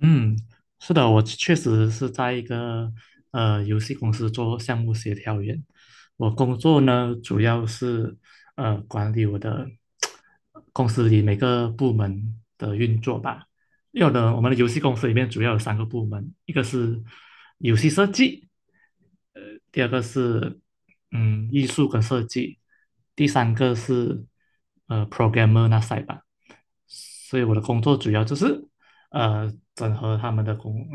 嗯，是的，我确实是在一个游戏公司做项目协调员。我工作呢，主要是管理我的公司里每个部门的运作吧。有的，我们的游戏公司里面主要有三个部门，一个是游戏设计，第二个是艺术跟设计，第三个是programmer 那 side 吧。所以我的工作主要就是整合他们的工，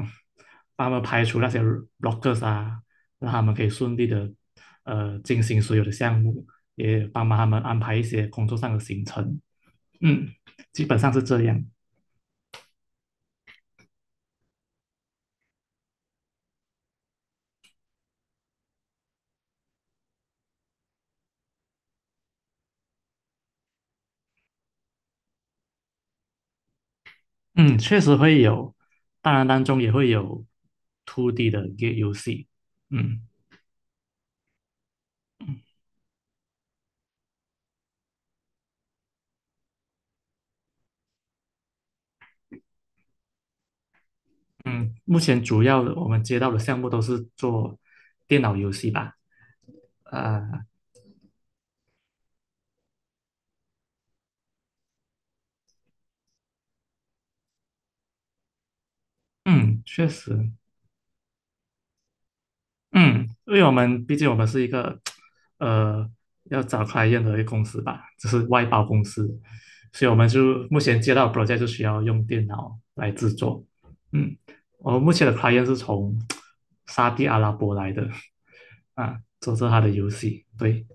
帮他们排除那些 rockers 啊，让他们可以顺利的进行所有的项目，也帮忙他们安排一些工作上的行程。嗯，基本上是这样。嗯，确实会有，当然当中也会有 two d 的 GATE 游戏。嗯嗯，目前主要的我们接到的项目都是做电脑游戏吧。啊、嗯，确实。嗯，因为我们毕竟我们是一个 呃要找 client 的一个公司吧，就是外包公司，所以我们就目前接到的 project 就需要用电脑来制作。嗯，我们目前的 client 是从 沙地阿拉伯来的啊，做着他的游戏。对，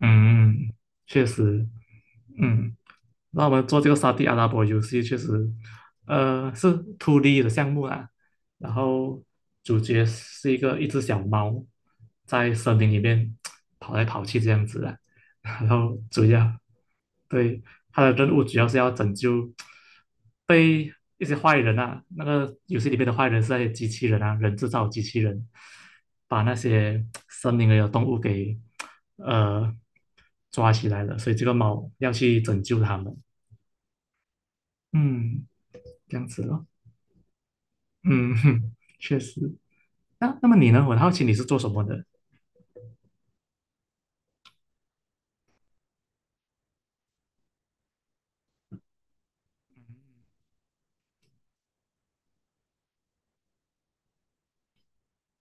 嗯，确实，嗯。那我们做这个沙地阿拉伯游戏，确实，是 two d 的项目啦。然后主角是一只小猫，在森林里面跑来跑去这样子啦。然后主要，对，它的任务主要是要拯救被一些坏人啊，那个游戏里面的坏人是那些机器人啊，人制造机器人，把那些森林里的动物给呃抓起来了，所以这个猫要去拯救他们。嗯，这样子咯，嗯，哼，确实。那么你呢？我很好奇你是做什么的？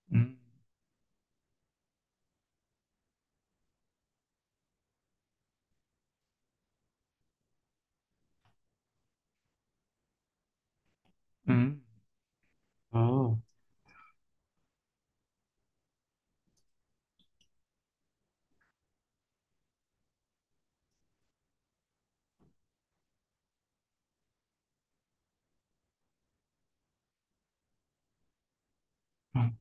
嗯嗯，哦，嗯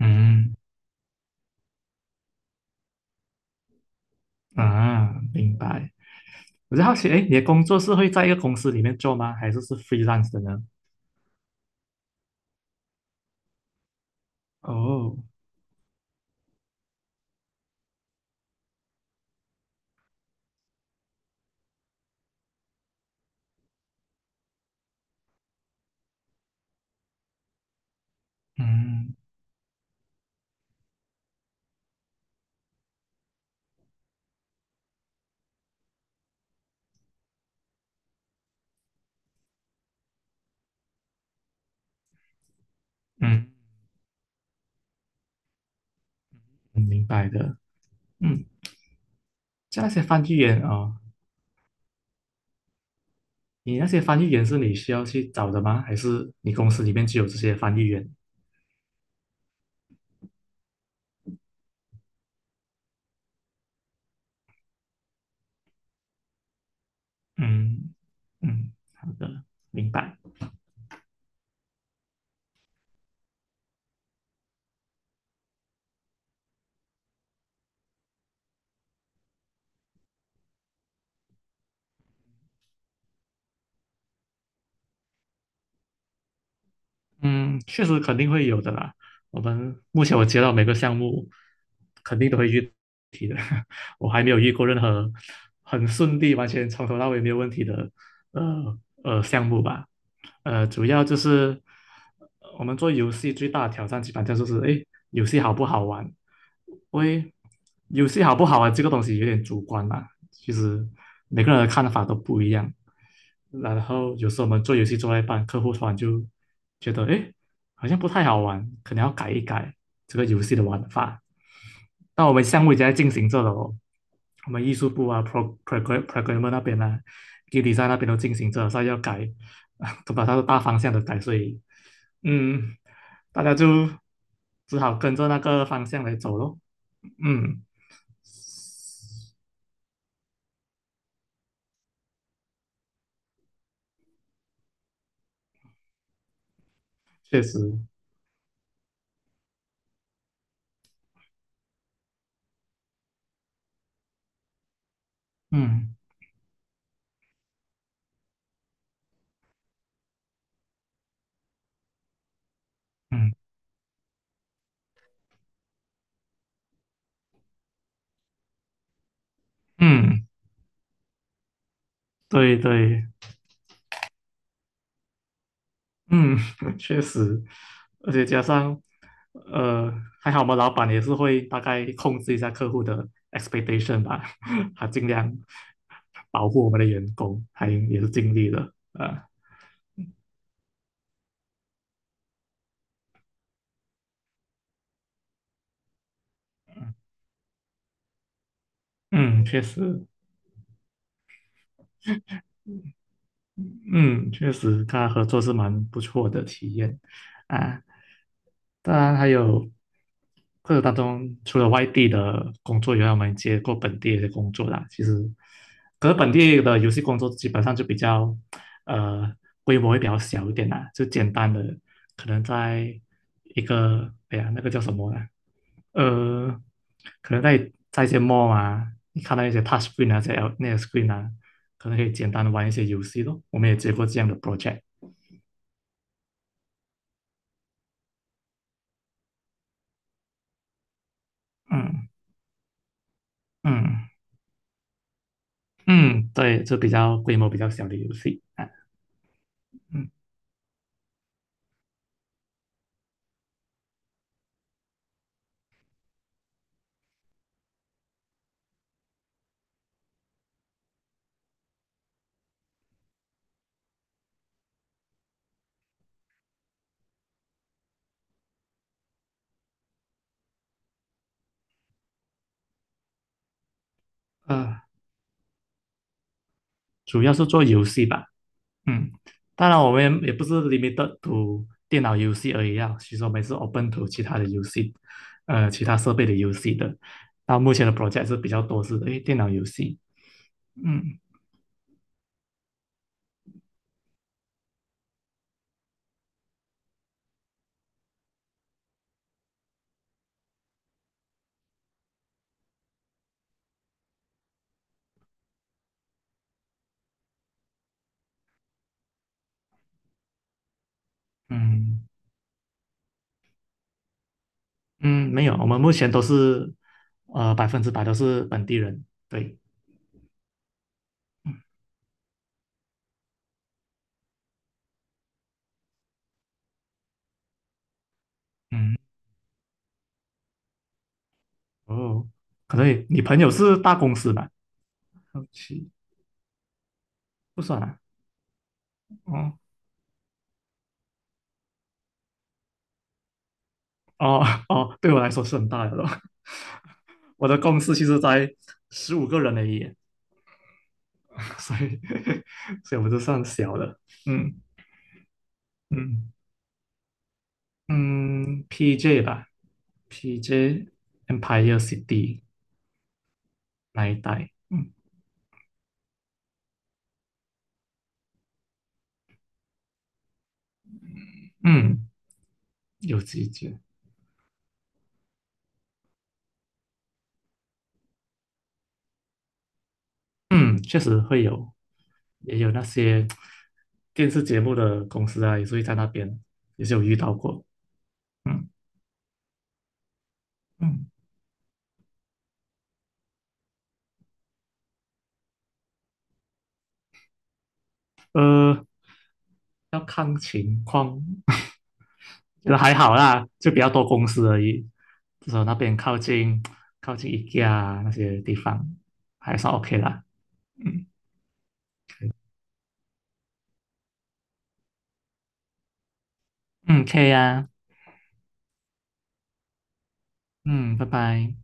嗯啊，明白。我就好奇，哎，你的工作是会在一个公司里面做吗？还是是 freelance 的呢？哦，嗯嗯，嗯明白的。嗯，像那些翻译员哦，你那些翻译员是你需要去找的吗？还是你公司里面就有这些翻译员？嗯嗯，好的，明白。嗯，确实肯定会有的啦。我们目前我接到每个项目，肯定都会遇题的。我还没有遇过任何很顺利、完全从头到尾没有问题的呃项目吧。主要就是我们做游戏最大的挑战，基本上就是诶，游戏好不好玩？因为游戏好不好玩这个东西有点主观啦，其实每个人的看法都不一样。然后有时候我们做游戏做到一半，客户突然就觉得，哎，好像不太好玩，可能要改一改这个游戏的玩法。那我们项目已经在进行着了哦，我们艺术部啊，programmer 那边啊 g a m design 那边都进行着了，所以要改，都把它的大方向的改，所以，嗯，大家就只好跟着那个方向来走咯。嗯，确实，嗯嗯嗯，对对。嗯，确实，而且加上，呃，还好我们老板也是会大概控制一下客户的 expectation 吧，他尽量保护我们的员工，还也是尽力了啊。嗯，确实，嗯，确实，跟他合作是蛮不错的体验啊。当然，还有过程当中，除了外地的工作以外，我们接过本地的工作啦。其实，可是本地的游戏工作基本上就比较，呃，规模会比较小一点啦，就简单的，可能在一个，哎呀，那个叫什么呢？呃，可能在一些 mall 啊，你看到一些 touch screen 啊，这些 那些 screen 啊，可能可以简单的玩一些游戏咯。我们也接过这样的 project，嗯嗯嗯，对，就比较规模比较小的游戏啊，嗯呃，主要是做游戏吧，嗯，当然我们也不是 limited to 电脑游戏而已啊，其实我们也是 open to 其他的游戏，其他设备的游戏的。到目前的 project 是比较多是电脑游戏，嗯嗯。嗯，没有，我们目前都是100%都是本地人。对，嗯，哦，可能你朋友是大公司吧？好奇不算啊。哦哦哦，对我来说是很大的咯。我的公司其实才15个人而已，所以 所以我就算小的。嗯嗯嗯，PJ 吧，PJ Empire City 那一带。嗯嗯，有几间。嗯，确实会有，也有那些电视节目的公司啊，也是会在那边，也是有遇到过。嗯嗯，呃，要看情况，觉得还好啦，就比较多公司而已。至少那边靠近 i k 那些地方，还算 OK 啦。嗯嗯，可以啊。嗯，拜拜。